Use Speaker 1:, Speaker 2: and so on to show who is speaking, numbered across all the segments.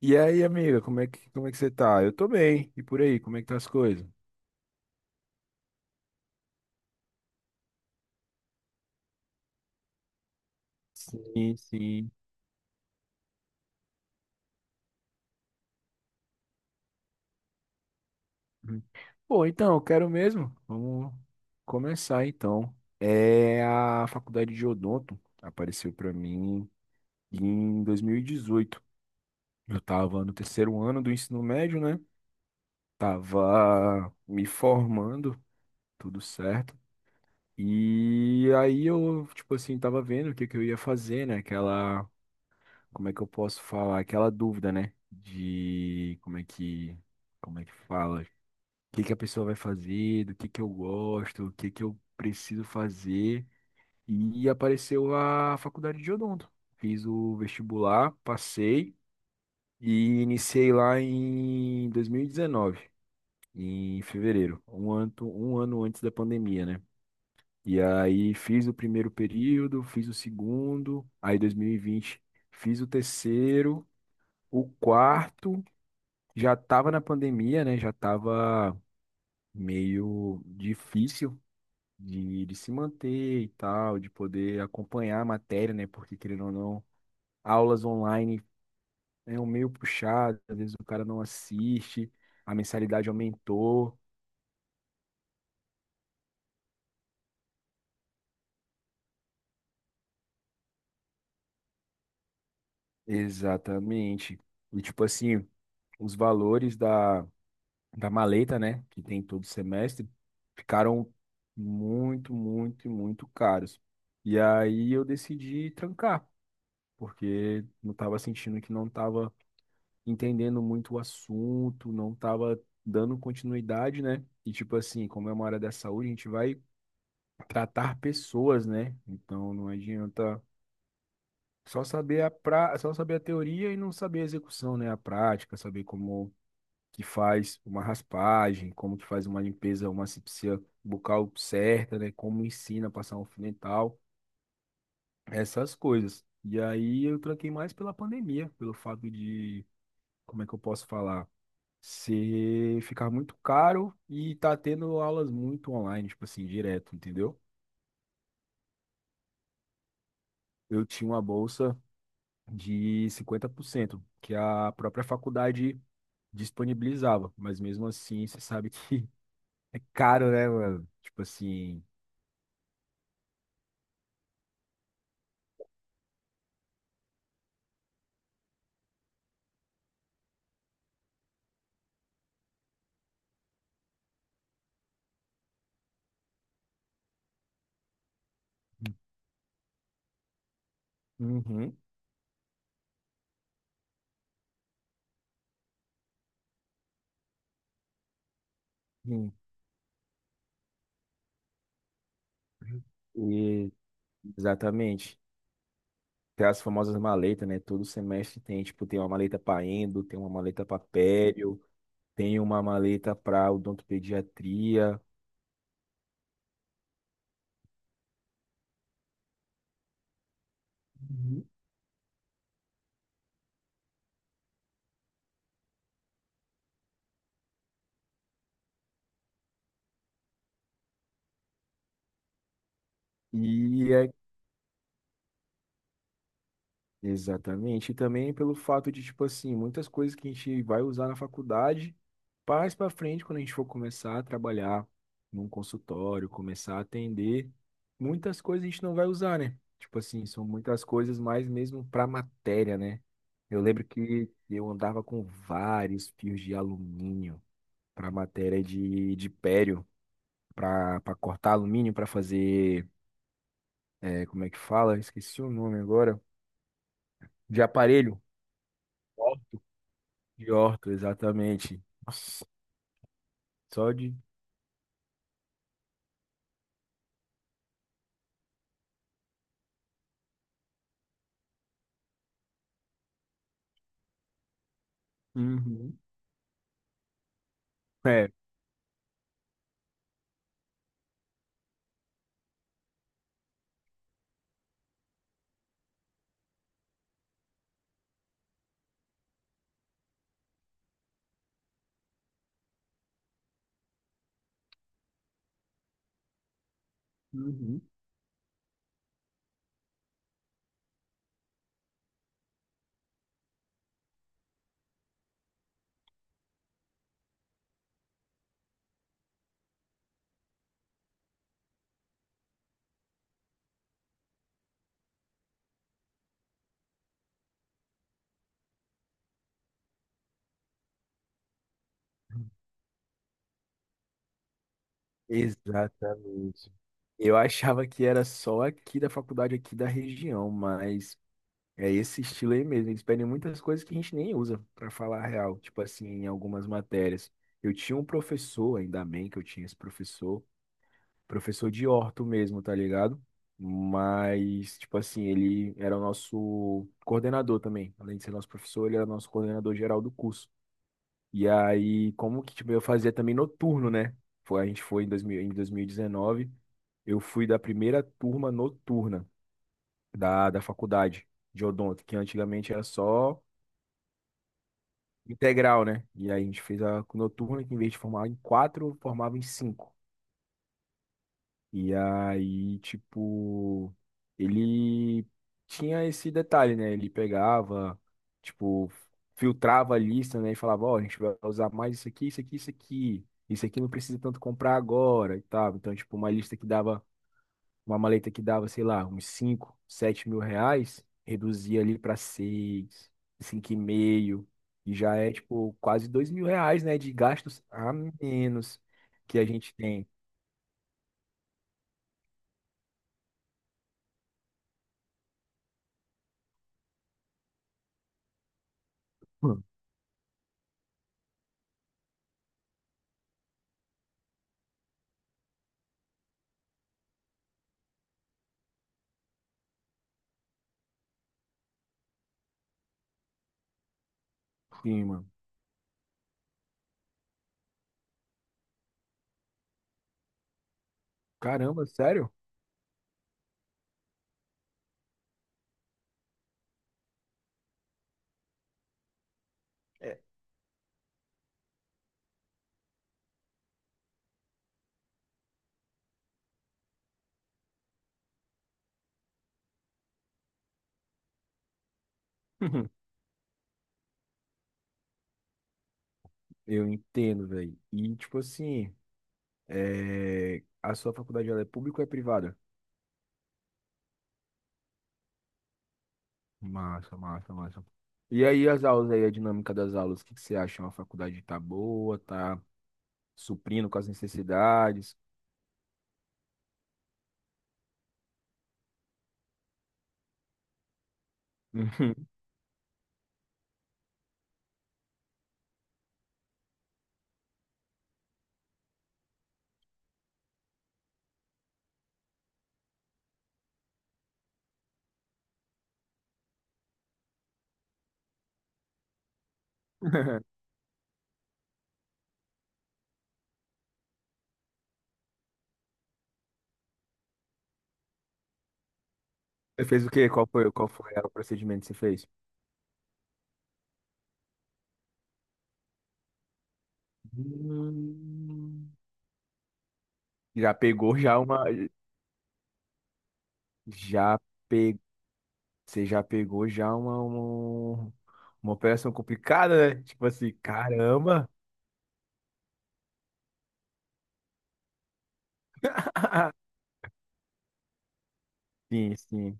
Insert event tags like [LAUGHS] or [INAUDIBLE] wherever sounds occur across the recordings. Speaker 1: E aí, amiga, como é que você tá? Eu tô bem. E por aí, como é que tá as coisas? Sim, sim. Hum. Bom, então, eu quero mesmo. Vamos começar então. A faculdade de odonto apareceu pra mim em 2018. Eu tava no terceiro ano do ensino médio, né? Tava me formando, tudo certo. E aí eu, tipo assim, tava vendo o que que eu ia fazer, né? Aquela como é que eu posso falar? Aquela dúvida, né? De como é que fala? O que que a pessoa vai fazer, do que eu gosto, o que que eu preciso fazer. E apareceu a faculdade de odonto. Fiz o vestibular, passei e iniciei lá em 2019, em fevereiro, um ano antes da pandemia, né? E aí fiz o primeiro período, fiz o segundo, aí 2020, fiz o terceiro, o quarto, já estava na pandemia, né? Já estava meio difícil de se manter e tal, de poder acompanhar a matéria, né? Porque, querendo ou não, aulas online é um meio puxado, às vezes o cara não assiste, a mensalidade aumentou. Exatamente. E, tipo assim, os valores da maleta, né, que tem todo semestre, ficaram muito, muito, muito caros. E aí eu decidi trancar, porque não estava sentindo que não estava entendendo muito o assunto, não estava dando continuidade, né? E tipo assim, como é uma área da saúde, a gente vai tratar pessoas, né? Então não adianta só saber a teoria e não saber a execução, né? A prática, saber como que faz uma raspagem, como que faz uma limpeza, uma asepsia bucal certa, né? Como ensina a passar um fio dental, essas coisas. E aí eu tranquei mais pela pandemia, pelo fato de, como é que eu posso falar? Ser ficar muito caro e tá tendo aulas muito online, tipo assim, direto, entendeu? Eu tinha uma bolsa de 50% que a própria faculdade disponibilizava, mas mesmo assim, você sabe que [LAUGHS] é caro, né, mano? Tipo assim, uhum. Uhum. E, exatamente. Tem as famosas maletas, né? Todo semestre tem, tipo, tem uma maleta para endo, tem uma maleta para pério, tem uma maleta para odontopediatria. Uhum. E exatamente. E também pelo fato de, tipo assim, muitas coisas que a gente vai usar na faculdade, mais para frente, quando a gente for começar a trabalhar num consultório, começar a atender, muitas coisas a gente não vai usar, né? Tipo assim, são muitas coisas mais mesmo para matéria, né? Eu lembro que eu andava com vários fios de alumínio para matéria de pério, para cortar alumínio, para fazer, como é que fala? Esqueci o nome agora, de aparelho. De Horto, exatamente. Nossa, só de. Uhum. É, Uhum. Exatamente. Eu achava que era só aqui da faculdade, aqui da região, mas é esse estilo aí mesmo. Eles pedem muitas coisas que a gente nem usa, para falar a real, tipo assim, em algumas matérias. Eu tinha um professor, ainda bem que eu tinha esse professor, professor de orto mesmo, tá ligado? Mas, tipo assim, ele era o nosso coordenador também. Além de ser nosso professor, ele era nosso coordenador geral do curso. E aí, como que tipo, eu fazia também noturno, né? Foi, a gente foi em 2000 em 2019, eu fui da primeira turma noturna da faculdade de odonto, que antigamente era só integral, né? E aí a gente fez a noturna, que em vez de formar em quatro, formava em cinco. E aí, tipo, ele tinha esse detalhe, né? Ele pegava, tipo, filtrava a lista, né? E falava, ó, a gente vai usar mais isso aqui, isso aqui, isso aqui. Isso aqui não precisa tanto comprar agora e tal. Então, tipo, uma lista que dava, uma maleta que dava, sei lá, uns 5 7 mil reais, reduzia ali para seis cinco e meio, e já é, tipo, quase 2 mil reais, né? De gastos a menos que a gente tem. Hum. Sim, mano. Caramba, sério? [LAUGHS] Eu entendo, velho. E, tipo assim, a sua faculdade ela é pública ou é privada? Massa, massa, massa. E aí as aulas aí, a dinâmica das aulas, o que que você acha? A faculdade tá boa, tá suprindo com as necessidades? Uhum. [LAUGHS] Você fez o quê? Qual foi o procedimento que você fez? Hum. Já pegou já uma, já Você já pegou já uma operação complicada, né? Tipo assim, caramba. [LAUGHS] Sim, sim.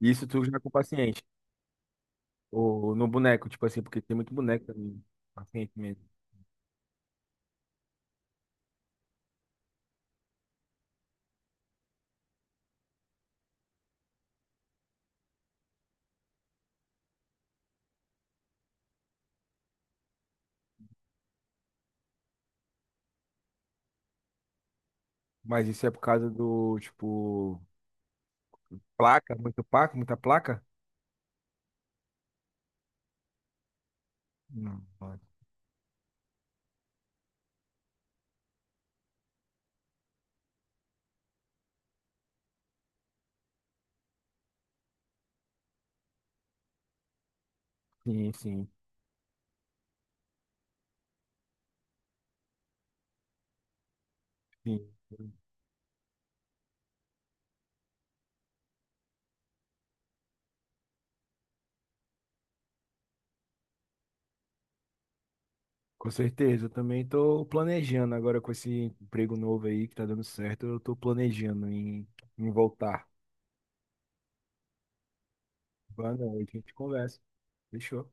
Speaker 1: Isso tu já com o paciente. Ou no boneco, tipo assim, porque tem muito boneco também, paciente mesmo. Mas isso é por causa do, tipo, placa, muito placa, muita placa? Não, pode. Sim, sim, sim. Com certeza. Eu também tô planejando agora com esse emprego novo aí que tá dando certo. Eu tô planejando em voltar. Boa noite, a gente conversa. Fechou.